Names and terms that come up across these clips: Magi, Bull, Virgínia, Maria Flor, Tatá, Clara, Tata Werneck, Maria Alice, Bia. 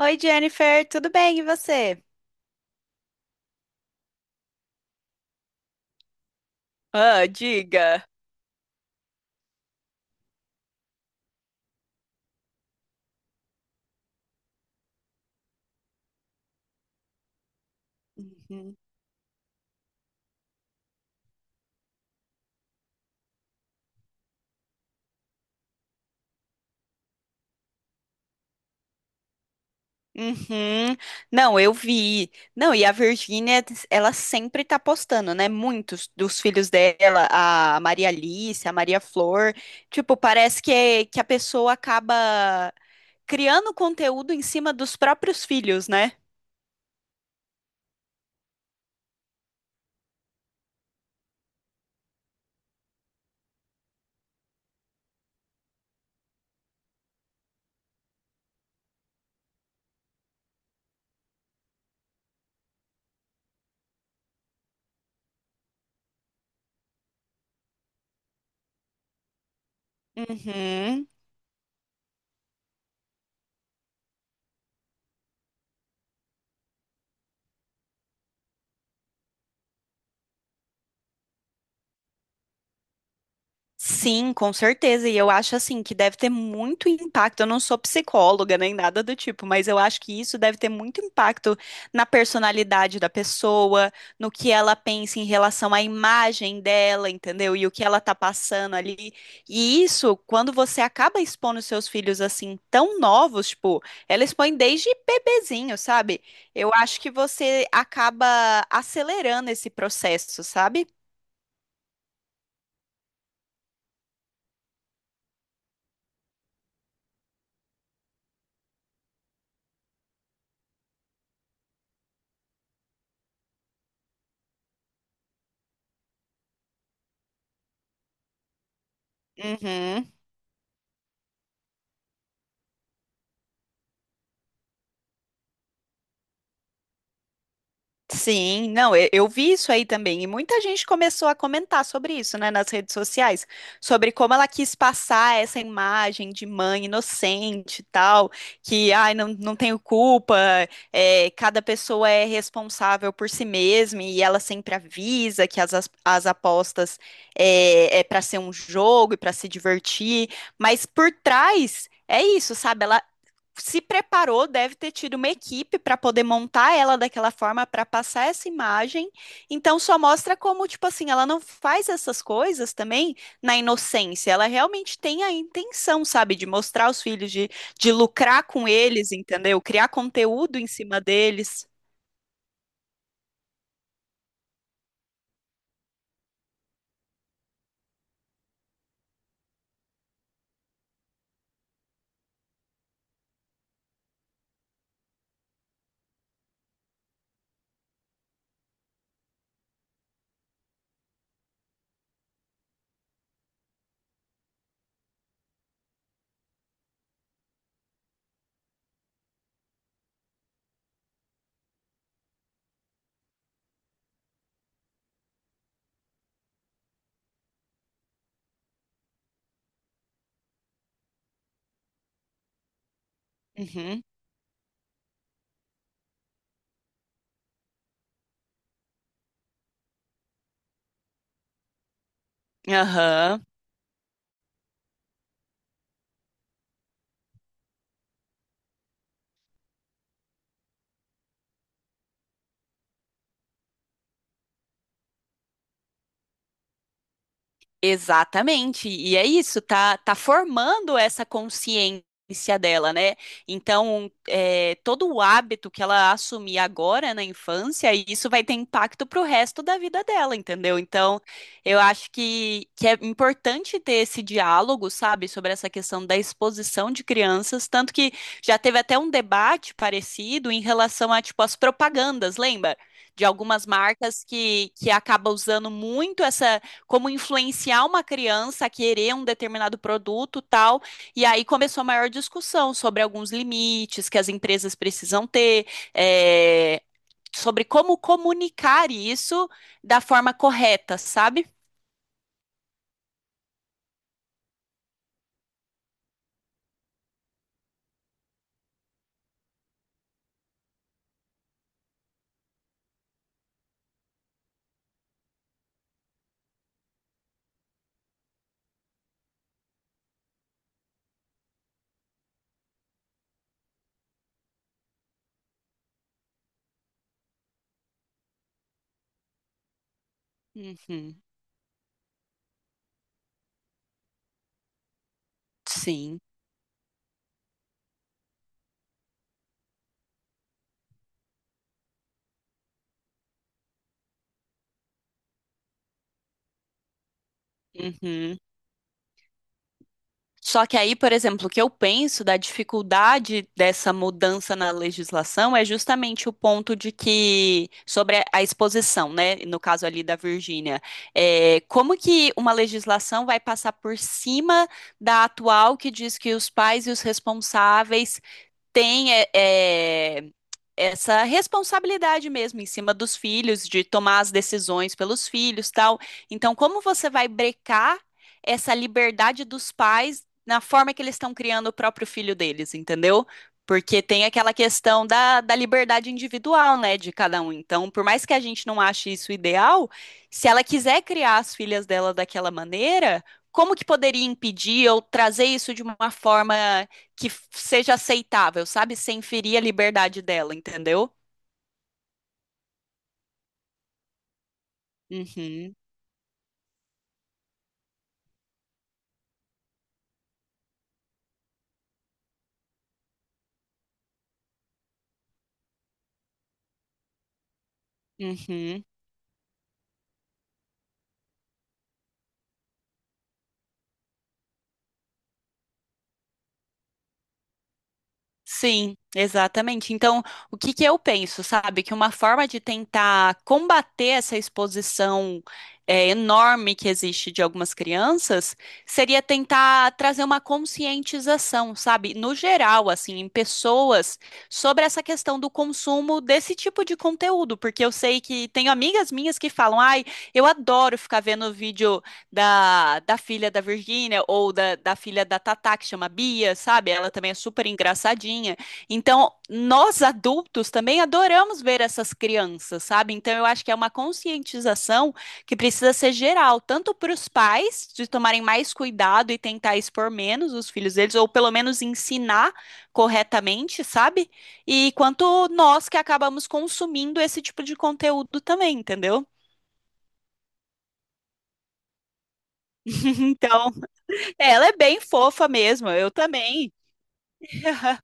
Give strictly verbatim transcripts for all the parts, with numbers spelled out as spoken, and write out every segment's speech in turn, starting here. Oi, Jennifer, tudo bem? E você? Ah, diga. Uhum. Não, eu vi. Não, e a Virgínia, ela sempre tá postando, né? Muitos dos filhos dela, a Maria Alice, a Maria Flor. Tipo, parece que, que a pessoa acaba criando conteúdo em cima dos próprios filhos, né? Uhum. Sim, com certeza. E eu acho assim que deve ter muito impacto. Eu não sou psicóloga nem nada do tipo, mas eu acho que isso deve ter muito impacto na personalidade da pessoa, no que ela pensa em relação à imagem dela, entendeu? E o que ela tá passando ali. E isso, quando você acaba expondo seus filhos assim tão novos, tipo, ela expõe desde bebezinho, sabe? Eu acho que você acaba acelerando esse processo, sabe? Uhum. Sim, não, e- eu vi isso aí também, e muita gente começou a comentar sobre isso, né, nas redes sociais, sobre como ela quis passar essa imagem de mãe inocente e tal, que, ai, não, não tenho culpa, é, cada pessoa é responsável por si mesma, e ela sempre avisa que as, as, as apostas é, é para ser um jogo e para se divertir, mas por trás é isso, sabe? Ela se preparou, deve ter tido uma equipe para poder montar ela daquela forma, para passar essa imagem. Então, só mostra como, tipo assim, ela não faz essas coisas também na inocência. Ela realmente tem a intenção, sabe, de mostrar os filhos, de, de lucrar com eles, entendeu? Criar conteúdo em cima deles. Uhum. Aham. Exatamente, e é isso, tá, tá formando essa consciência dela, né? Então, é, todo o hábito que ela assumir agora na infância, isso vai ter impacto pro resto da vida dela, entendeu? Então, eu acho que, que é importante ter esse diálogo, sabe, sobre essa questão da exposição de crianças, tanto que já teve até um debate parecido em relação a, tipo, as propagandas, lembra? De algumas marcas que, que acaba usando muito essa como influenciar uma criança a querer um determinado produto, tal. E aí começou a maior discussão sobre alguns limites que as empresas precisam ter, é, sobre como comunicar isso da forma correta, sabe? Uhum, sim. Uhum. Só que aí, por exemplo, o que eu penso da dificuldade dessa mudança na legislação é justamente o ponto de que, sobre a a exposição, né? No caso ali da Virgínia, é, como que uma legislação vai passar por cima da atual que diz que os pais e os responsáveis têm é, é, essa responsabilidade mesmo em cima dos filhos, de tomar as decisões pelos filhos, tal. Então, como você vai brecar essa liberdade dos pais na forma que eles estão criando o próprio filho deles, entendeu? Porque tem aquela questão da, da liberdade individual, né, de cada um. Então, por mais que a gente não ache isso ideal, se ela quiser criar as filhas dela daquela maneira, como que poderia impedir ou trazer isso de uma forma que seja aceitável, sabe? Sem ferir a liberdade dela, entendeu? Uhum, uhum. Sim, exatamente. Então, o que que eu penso, sabe? Que uma forma de tentar combater essa exposição é, enorme que existe de algumas crianças seria tentar trazer uma conscientização, sabe? No geral, assim, em pessoas, sobre essa questão do consumo desse tipo de conteúdo. Porque eu sei que tenho amigas minhas que falam, ai, eu adoro ficar vendo vídeo. Da, da filha da Virgínia ou da, da filha da Tatá, que chama Bia, sabe? Ela também é super engraçadinha. Então, nós adultos também adoramos ver essas crianças, sabe? Então, eu acho que é uma conscientização que precisa ser geral, tanto para os pais de tomarem mais cuidado e tentar expor menos os filhos deles, ou pelo menos ensinar corretamente, sabe? E quanto nós que acabamos consumindo esse tipo de conteúdo também, entendeu? Então. Ela é bem fofa mesmo, eu também.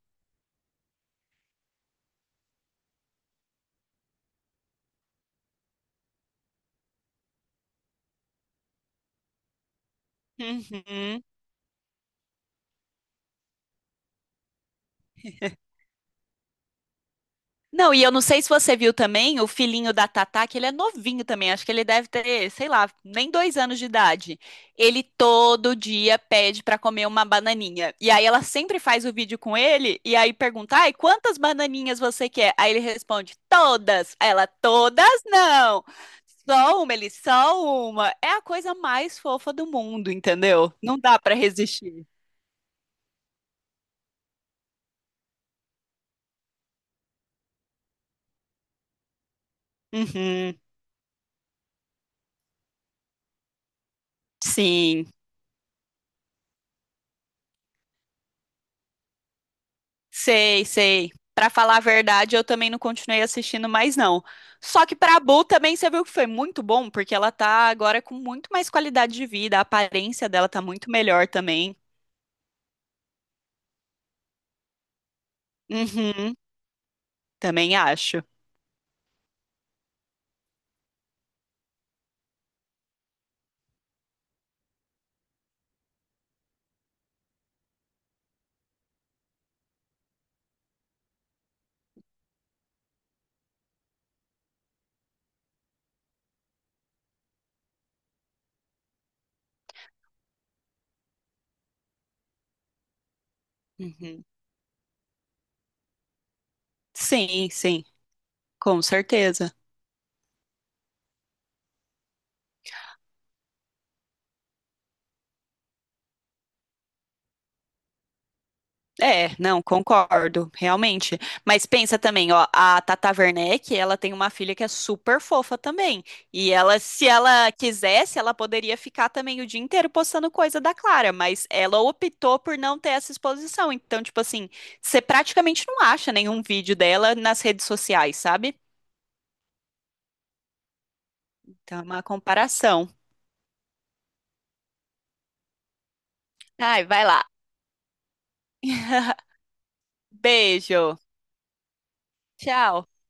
Uhum. Não, e eu não sei se você viu também o filhinho da Tatá, que ele é novinho também, acho que ele deve ter, sei lá, nem dois anos de idade. Ele todo dia pede pra comer uma bananinha. E aí ela sempre faz o vídeo com ele, e aí pergunta, ai, quantas bananinhas você quer? Aí ele responde, todas. Aí ela, todas não. Só uma, ele, só uma. É a coisa mais fofa do mundo, entendeu? Não dá pra resistir. Uhum. Sim, sei, sei. Pra falar a verdade, eu também não continuei assistindo mais, não. Só que pra Bull também você viu que foi muito bom, porque ela tá agora com muito mais qualidade de vida, a aparência dela tá muito melhor também. Uhum, também acho. Uhum. Sim, sim, com certeza. É, não, concordo, realmente. Mas pensa também, ó, a Tata Werneck, ela tem uma filha que é super fofa também. E ela, se ela quisesse, ela poderia ficar também o dia inteiro postando coisa da Clara, mas ela optou por não ter essa exposição. Então, tipo assim, você praticamente não acha nenhum vídeo dela nas redes sociais, sabe? Então, é uma comparação. Ai, vai lá. Beijo. Tchau.